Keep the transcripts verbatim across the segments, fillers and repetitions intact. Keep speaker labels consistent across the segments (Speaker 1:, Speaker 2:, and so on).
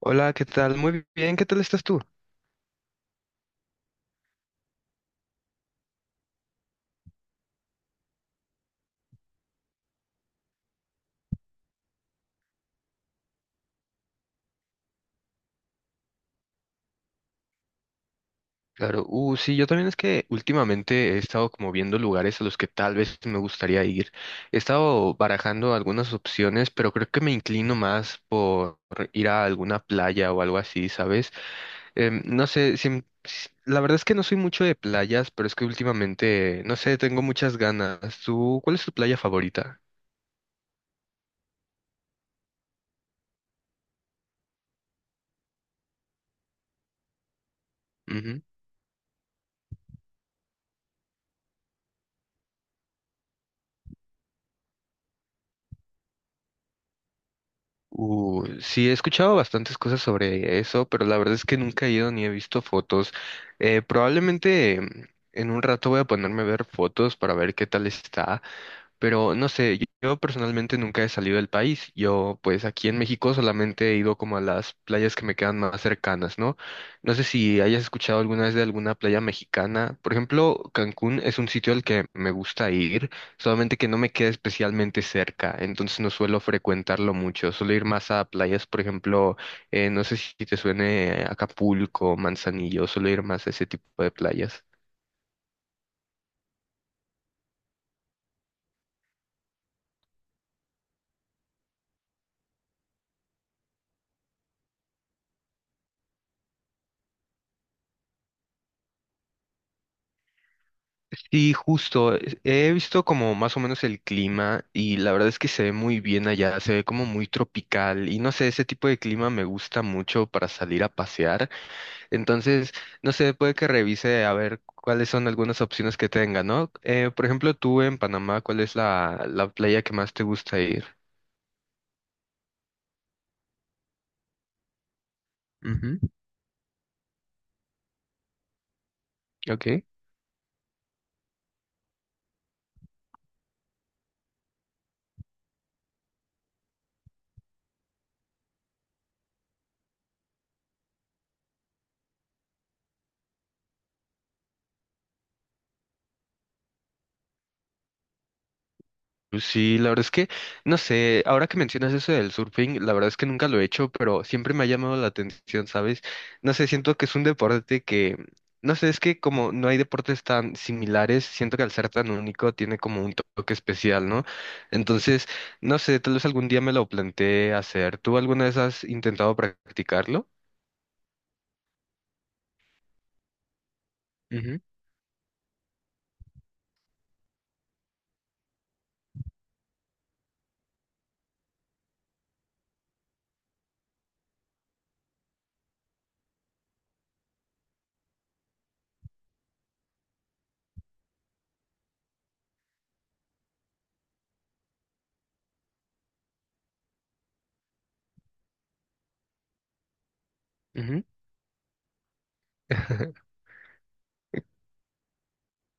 Speaker 1: Hola, ¿qué tal? Muy bien, ¿qué tal estás tú? Claro, uh, sí, yo también es que últimamente he estado como viendo lugares a los que tal vez me gustaría ir. He estado barajando algunas opciones, pero creo que me inclino más por ir a alguna playa o algo así, ¿sabes? Em, no sé, siem- s- la verdad es que no soy mucho de playas, pero es que últimamente, no sé, tengo muchas ganas. ¿Tú, cuál es tu playa favorita? Uh, sí, he escuchado bastantes cosas sobre eso, pero la verdad es que nunca he ido ni he visto fotos. Eh, probablemente em, en un rato voy a ponerme a ver fotos para ver qué tal está. Pero no sé, yo, yo personalmente nunca he salido del país. Yo, pues aquí en México solamente he ido como a las playas que me quedan más cercanas, ¿no? No sé si hayas escuchado alguna vez de alguna playa mexicana. Por ejemplo, Cancún es un sitio al que me gusta ir, solamente que no me queda especialmente cerca, entonces no suelo frecuentarlo mucho. Suelo ir más a playas, por ejemplo, eh, no sé si te suene Acapulco, Manzanillo, suelo ir más a ese tipo de playas. Sí, justo. es- He visto como más o menos el clima y la verdad es que se ve muy bien allá, se ve como muy tropical y no sé, ese tipo de clima me gusta mucho para salir a pasear. Entonces, no sé, puede que revise a ver cuáles son algunas opciones que tenga, ¿no? Eh, por ejemplo, tú en Panamá, ¿cuál es la, la playa que más te gusta ir? Ujú. Ok. Pues sí, la verdad es que, no sé, ahora que mencionas eso del surfing, la verdad es que nunca lo he hecho, pero siempre me ha llamado la atención, ¿sabes? No sé, siento que es un deporte que, no sé, es que como no hay deportes tan similares, siento que al ser tan único tiene como un toque especial, ¿no? Entonces, no sé, tal vez algún día me lo planteé hacer. ¿Tú alguna vez has intentado practicarlo? Ujú. Ujú.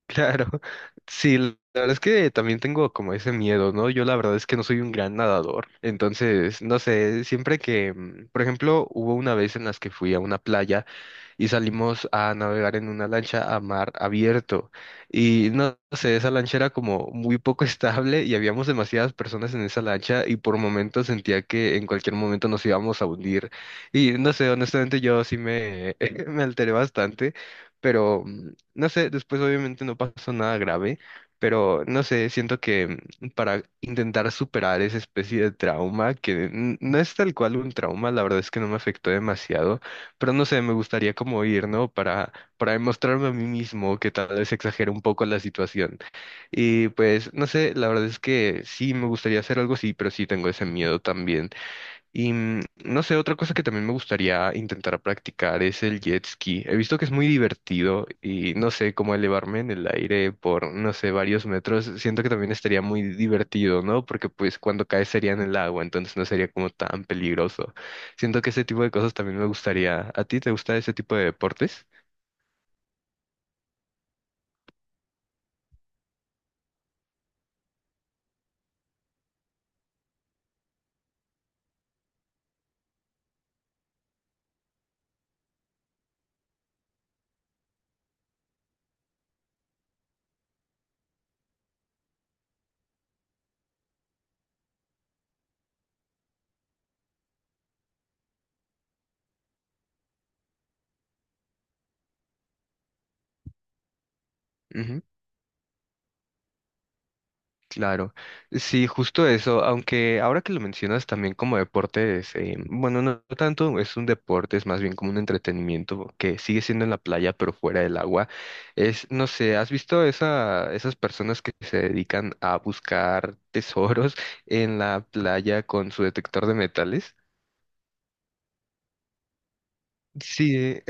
Speaker 1: Claro, sí, la verdad es que también tengo como ese miedo, ¿no? Yo la verdad es que no soy un gran nadador, entonces, no sé, siempre que, mm, por ejemplo, hubo una vez en las que fui a una playa y salimos a navegar en una lancha a mar abierto. Y no sé, esa lancha era como muy poco estable y habíamos demasiadas personas en esa lancha y por momentos sentía que en cualquier momento nos íbamos a hundir. Y no sé, honestamente yo sí me, me alteré bastante, pero mm, no sé, después obviamente no pasó nada grave. Pero no sé, siento que mm, para intentar superar esa especie de trauma, que mm, no es tal cual un trauma, la verdad es que no me afectó demasiado, pero no sé, me gustaría como ir, ¿no? Para, para demostrarme a mí mismo que tal vez exagero un poco la situación. Y pues, no sé, la verdad es que sí, me gustaría hacer algo así, pero sí tengo ese miedo también. Y mm, no sé, otra cosa que también me gustaría intentar practicar es el jet ski. He visto que es muy divertido y no sé, cómo elevarme en el aire por, no sé, varios metros. Siento que también estaría muy divertido, ¿no? Porque pues cuando caes sería en el agua, entonces no sería como tan peligroso. Siento que ese tipo de cosas también me gustaría. ¿A ti te gusta ese tipo de deportes? Claro, sí, justo eso, aunque ahora que lo mencionas también como deportes, eh, bueno, no tanto es un deporte, es más bien como un entretenimiento que sigue siendo en la playa pero fuera del agua, es, no sé, ¿has visto esa, esas personas que se dedican a buscar tesoros en la playa con su detector de metales? Sí.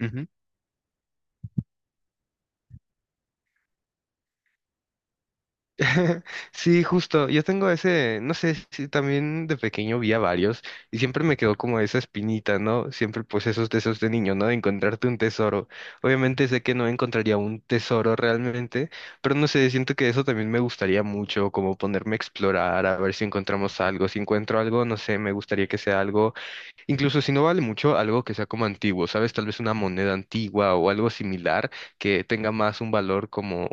Speaker 1: Sí, justo. Yo tengo ese, no sé, si también de pequeño vi a varios y siempre me quedó como esa espinita, ¿no? Siempre pues esos deseos de niño, ¿no? De encontrarte un tesoro. Obviamente sé que no encontraría un tesoro realmente, pero no sé, siento que eso también me gustaría mucho, como ponerme a explorar, a ver si encontramos algo. Si encuentro algo, no sé, me gustaría que sea algo, incluso si no vale mucho, algo que sea como antiguo, ¿sabes? Tal vez una moneda antigua o algo similar que tenga más un valor como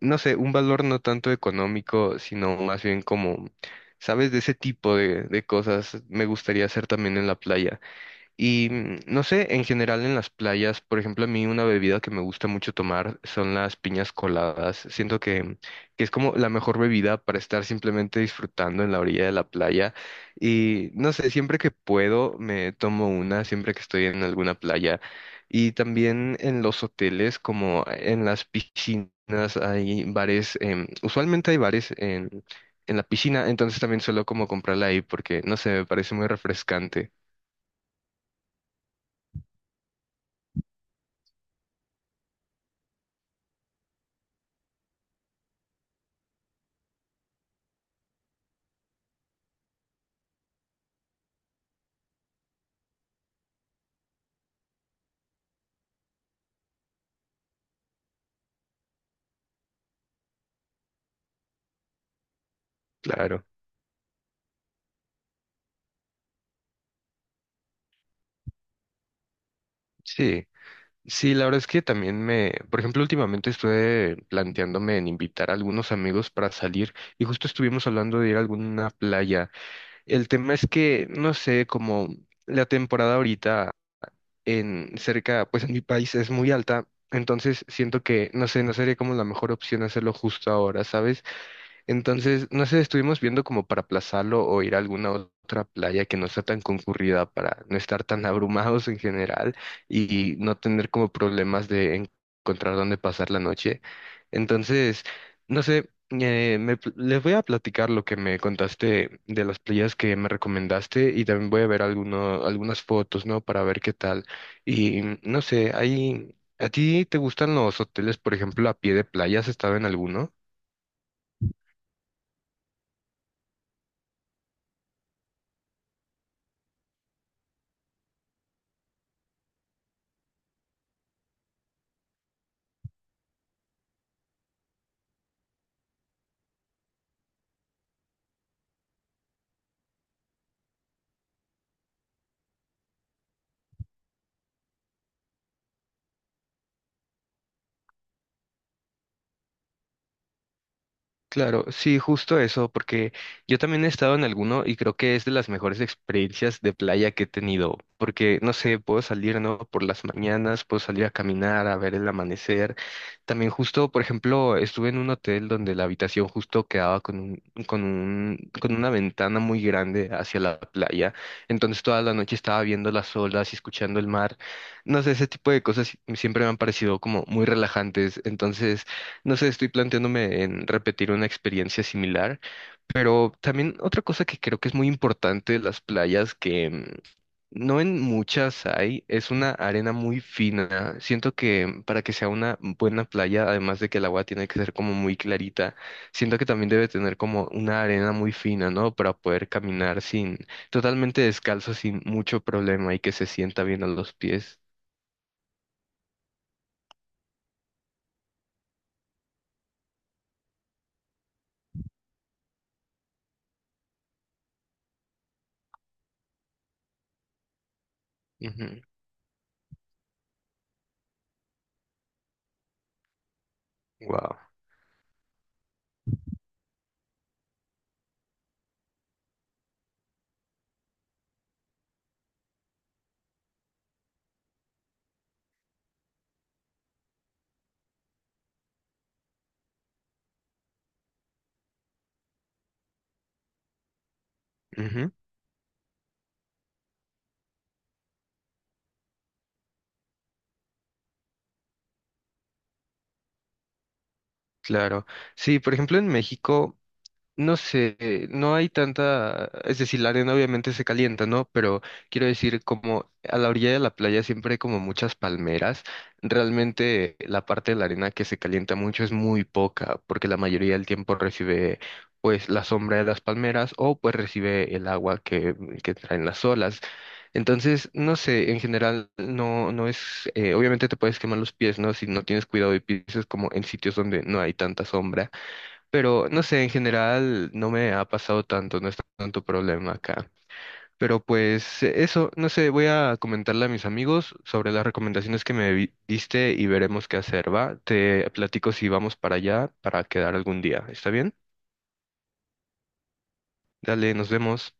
Speaker 1: no sé, un valor no tanto económico, sino más bien como, ¿sabes? De ese tipo de, de cosas me gustaría hacer también en la playa. Y mm, no sé, en general en las playas, por ejemplo, a mí una bebida que me gusta mucho tomar son las piñas coladas. Siento que, que es como la mejor bebida para estar simplemente disfrutando en la orilla de la playa. Y no sé, siempre que puedo me tomo una, siempre que estoy en alguna playa. Y también en los hoteles, como en las piscinas, hay bares, em, usualmente hay bares en, en la piscina, entonces también suelo como comprarla ahí porque, no sé, me parece muy refrescante. Claro. Sí, sí, la verdad es que también me, por ejemplo, últimamente estuve planteándome en invitar a algunos amigos para salir y justo estuvimos hablando de ir a alguna playa. El tema es que, no sé, como la temporada ahorita en cerca, pues en mi país es muy alta, entonces siento que, no sé, no sería como la mejor opción hacerlo justo ahora, ¿sabes? Entonces, no sé, estuvimos viendo como para aplazarlo o ir a alguna otra playa que no sea tan concurrida para no estar tan abrumados en general y no tener como problemas de encontrar dónde pasar la noche. Entonces, no sé, eh, me pl- les voy a platicar lo que me contaste de las playas que me recomendaste y también voy a ver alguno, algunas fotos, ¿no? Para ver qué tal. Y no sé, ahí, ¿a ti te gustan los hoteles, por ejemplo, a pie de playa? ¿Has estado en alguno? Claro, sí, justo eso, porque yo también he estado en alguno y creo que es de las mejores experiencias de playa que he tenido, porque no sé, puedo salir, ¿no? Por las mañanas, puedo salir a caminar, a ver el amanecer. También justo, por ejemplo, estuve en un hotel donde la habitación justo quedaba con un, con un, con una ventana muy grande hacia la playa. Entonces toda la noche estaba viendo las olas y escuchando el mar. No sé, ese tipo de cosas siempre me han parecido como muy relajantes. Entonces, no sé, estoy planteándome en repetir una experiencia similar, pero también otra cosa que creo que es muy importante de las playas, que mm, no en muchas hay, es una arena muy fina. Siento que para que sea una buena playa, además de que el agua tiene que ser como muy clarita, siento que también debe tener como una arena muy fina, ¿no? Para poder caminar sin, totalmente descalzo, sin mucho problema y que se sienta bien a los pies. Wow. Claro. Sí, por ejemplo, en México. No sé, eh, no hay tanta, es decir, la arena obviamente se calienta, ¿no? Pero quiero decir, como a la orilla de la playa siempre hay como muchas palmeras, realmente la parte de la arena que se calienta mucho es muy poca, porque la mayoría del tiempo recibe pues la sombra de las palmeras o pues recibe el agua que, que traen las olas. Entonces, no sé, en general no, no es, eh, obviamente te puedes quemar los pies, ¿no? Si no tienes cuidado y pisas como en sitios donde no hay tanta sombra pero no sé, en general no me ha pasado tanto, no es tanto problema acá. Pero pues eh, eso, no sé, voy a comentarle a mis amigos sobre las recomendaciones que me vi- diste y veremos qué hacer, ¿va? Te platico si vamos para allá para quedar algún día, ¿está bien? Dale, nos vemos.